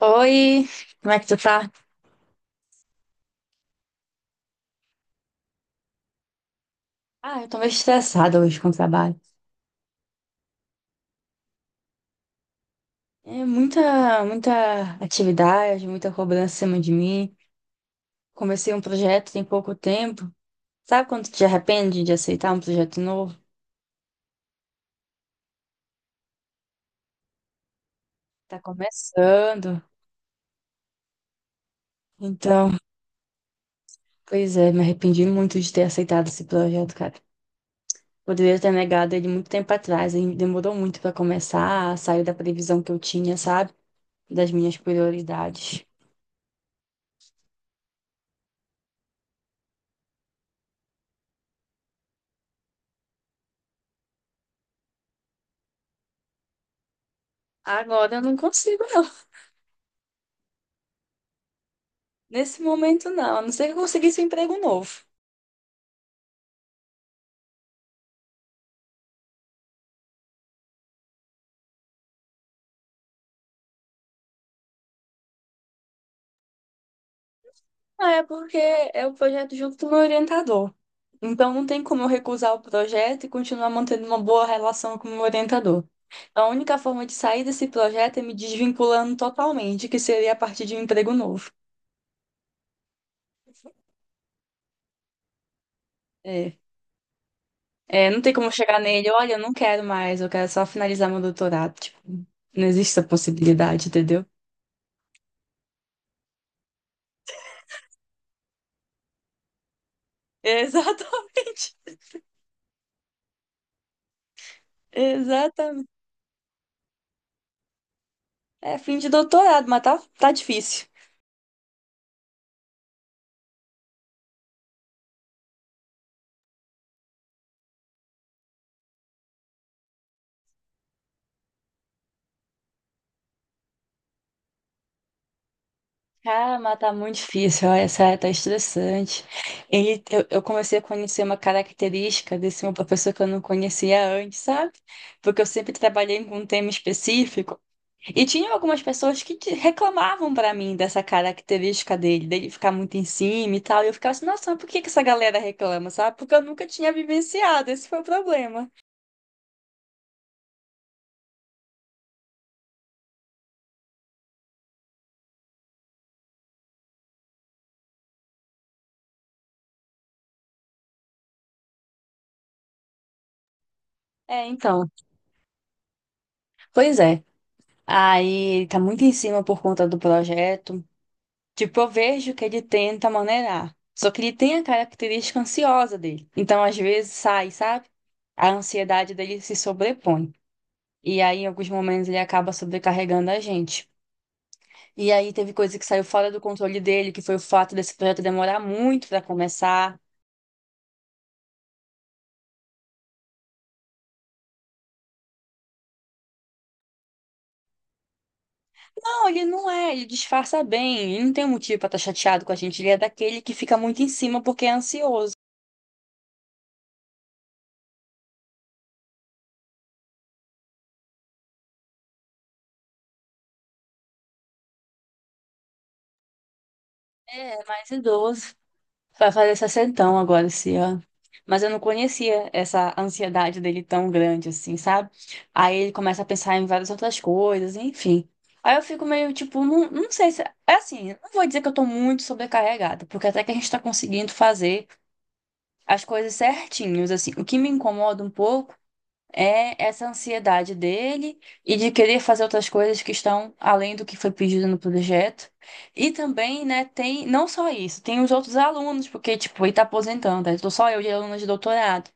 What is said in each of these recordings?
Oi, como é que tu tá? Ah, eu tô meio estressada hoje com o trabalho. É muita atividade, muita cobrança em cima de mim. Comecei um projeto tem pouco tempo. Sabe quando tu te arrepende de aceitar um projeto novo? Tá começando. Então, pois é, me arrependi muito de ter aceitado esse projeto, cara. Poderia ter negado ele muito tempo atrás. Ele demorou muito pra começar, saiu da previsão que eu tinha, sabe? Das minhas prioridades. Agora eu não consigo, não. Nesse momento, não, a não ser que eu conseguisse um emprego novo. Ah, é porque é o projeto junto do meu orientador. Então, não tem como eu recusar o projeto e continuar mantendo uma boa relação com o meu orientador. A única forma de sair desse projeto é me desvinculando totalmente, que seria a partir de um emprego novo. É. É, não tem como chegar nele, olha, eu não quero mais, eu quero só finalizar meu doutorado. Tipo, não existe essa possibilidade, entendeu? Exatamente. Exatamente. É fim de doutorado, mas tá difícil. Cara, mas tá muito difícil, olha, sério, tá estressante. Eu comecei a conhecer uma característica desse meu professor que eu não conhecia antes, sabe? Porque eu sempre trabalhei com um tema específico. E tinha algumas pessoas que reclamavam pra mim dessa característica dele, dele ficar muito em cima e tal. E eu ficava assim, nossa, mas por que que essa galera reclama, sabe? Porque eu nunca tinha vivenciado, esse foi o problema. É, então, pois é. Aí ele tá muito em cima por conta do projeto. Tipo, eu vejo que ele tenta maneirar. Só que ele tem a característica ansiosa dele. Então, às vezes, sai, sabe? A ansiedade dele se sobrepõe. E aí, em alguns momentos, ele acaba sobrecarregando a gente. E aí, teve coisa que saiu fora do controle dele, que foi o fato desse projeto demorar muito para começar. Não, ele não é, ele disfarça bem, ele não tem motivo para estar chateado com a gente. Ele é daquele que fica muito em cima porque é ansioso. É, mais idoso. Vai fazer 60 agora esse ano. Mas eu não conhecia essa ansiedade dele tão grande assim, sabe? Aí ele começa a pensar em várias outras coisas, enfim. Aí eu fico meio tipo, não, não sei se. É assim, não vou dizer que eu tô muito sobrecarregada, porque até que a gente tá conseguindo fazer as coisas certinhos, assim. O que me incomoda um pouco é essa ansiedade dele e de querer fazer outras coisas que estão além do que foi pedido no projeto. E também, né, tem não só isso, tem os outros alunos, porque, tipo, ele está aposentando, aí estou só eu de aluno de doutorado.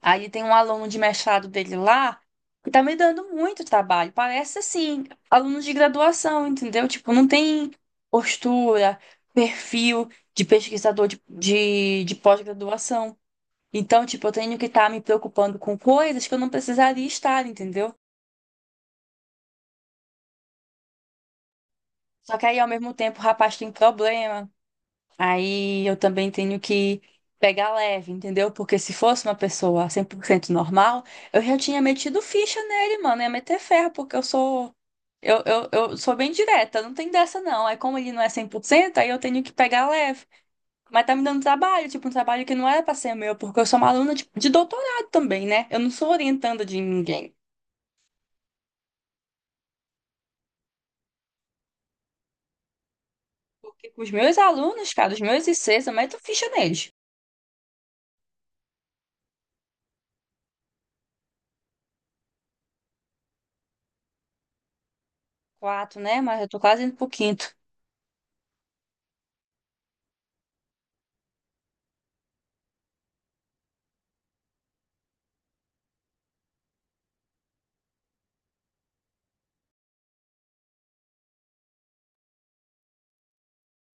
Aí tem um aluno de mestrado dele lá que tá me dando muito trabalho. Parece, assim, aluno de graduação, entendeu? Tipo, não tem postura, perfil de pesquisador de pós-graduação. Então, tipo, eu tenho que estar me preocupando com coisas que eu não precisaria estar, entendeu? Só que aí, ao mesmo tempo, o rapaz tem problema. Aí eu também tenho que pegar leve, entendeu? Porque se fosse uma pessoa 100% normal, eu já tinha metido ficha nele, mano. Ia meter ferro, porque eu sou. Eu sou bem direta, não tem dessa não. Aí, como ele não é 100% aí eu tenho que pegar leve. Mas tá me dando trabalho, tipo, um trabalho que não era pra ser meu, porque eu sou uma aluna de doutorado também, né? Eu não sou orientanda de ninguém. Porque com os meus alunos, cara, os meus ICs, eu meto ficha neles. Quatro, né? Mas eu tô quase indo pro quinto.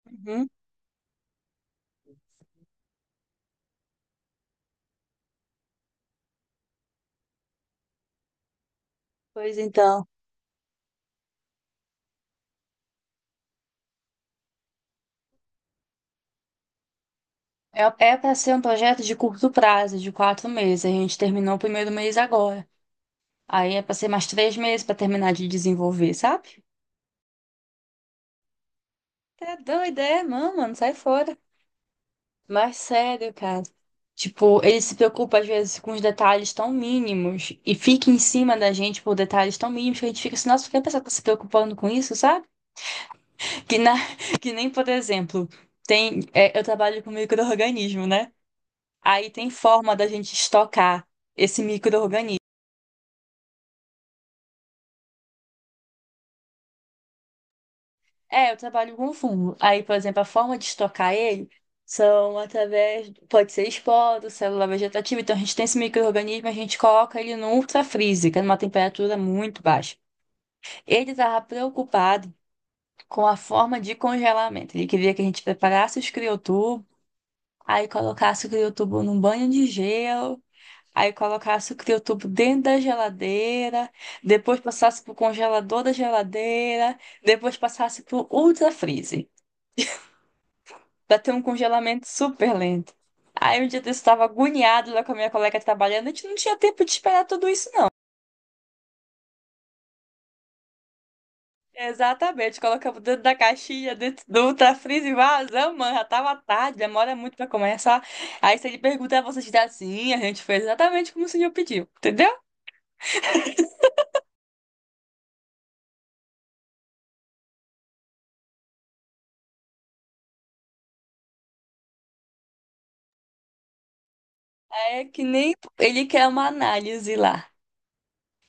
Uhum. Pois então. É, é para ser um projeto de curto prazo, de 4 meses. A gente terminou o primeiro mês agora. Aí é para ser mais 3 meses para terminar de desenvolver, sabe? Tá doida, é, mano, sai fora. Mas sério, cara. Tipo, ele se preocupa às vezes com os detalhes tão mínimos e fica em cima da gente por detalhes tão mínimos que a gente fica assim, nossa, por que a pessoa tá se preocupando com isso, sabe? Que, que nem, por exemplo, tem, é, eu trabalho com micro-organismo, né? Aí tem forma da gente estocar esse micro-organismo. É, eu trabalho com fungo. Aí, por exemplo, a forma de estocar ele são através, pode ser esporo, célula vegetativa. Então, a gente tem esse micro-organismo, a gente coloca ele no ultrafreezer, que é numa temperatura muito baixa. Ele estava preocupado com a forma de congelamento. Ele queria que a gente preparasse os criotubos, aí colocasse o criotubo num banho de gelo. Aí colocar suco de tubo dentro da geladeira, depois passasse pro congelador da geladeira, depois passasse pro ultra-freezer, pra ter um congelamento super lento. Aí um dia eu estava agoniado lá com a minha colega trabalhando, a gente não tinha tempo de esperar tudo isso, não. Exatamente, colocamos dentro da caixinha, dentro do ultra-freezer e vazamos, mano, já tava tarde, demora muito pra começar. Aí se ele perguntar, você diz assim, a gente fez exatamente como o senhor pediu, entendeu? É que nem ele quer uma análise lá.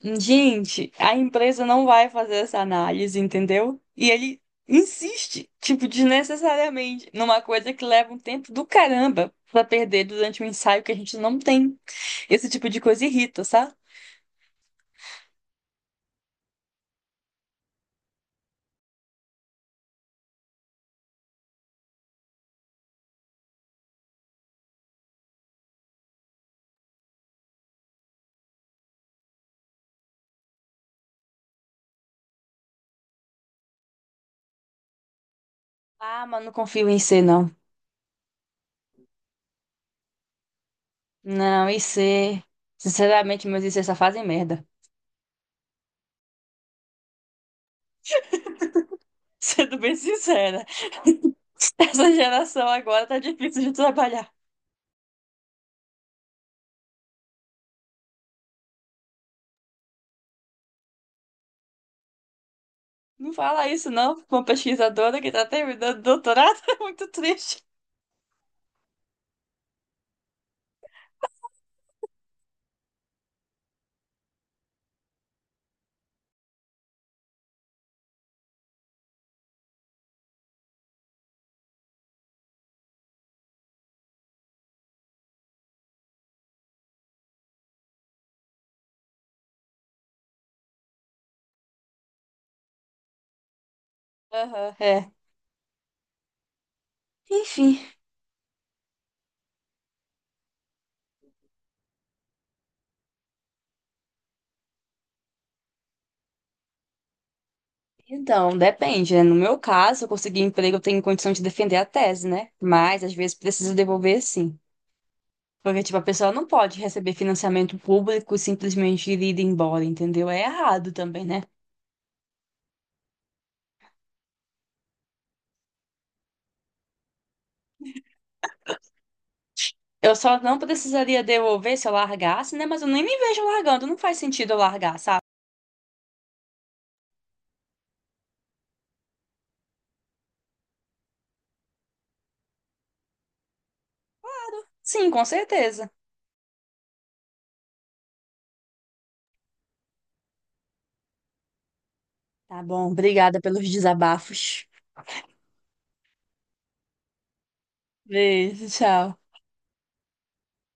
Gente, a empresa não vai fazer essa análise, entendeu? E ele insiste, tipo, desnecessariamente, numa coisa que leva um tempo do caramba pra perder durante um ensaio que a gente não tem. Esse tipo de coisa irrita, sabe? Ah, mas não confio em C, não. Não, I C. Sinceramente, meus IC só fazem merda. Sendo bem sincera, essa geração agora tá difícil de trabalhar. Não fala isso, não, pra uma pesquisadora que tá terminando o doutorado. É muito triste. Aham, é. Enfim. Então, depende, né? No meu caso, eu consegui emprego, eu tenho condição de defender a tese, né? Mas às vezes preciso devolver sim. Porque, tipo, a pessoa não pode receber financiamento público e simplesmente ir embora, entendeu? É errado também, né? Eu só não precisaria devolver se eu largasse, né? Mas eu nem me vejo largando, não faz sentido eu largar, sabe? Sim, com certeza. Tá bom, obrigada pelos desabafos. Beijo, tchau.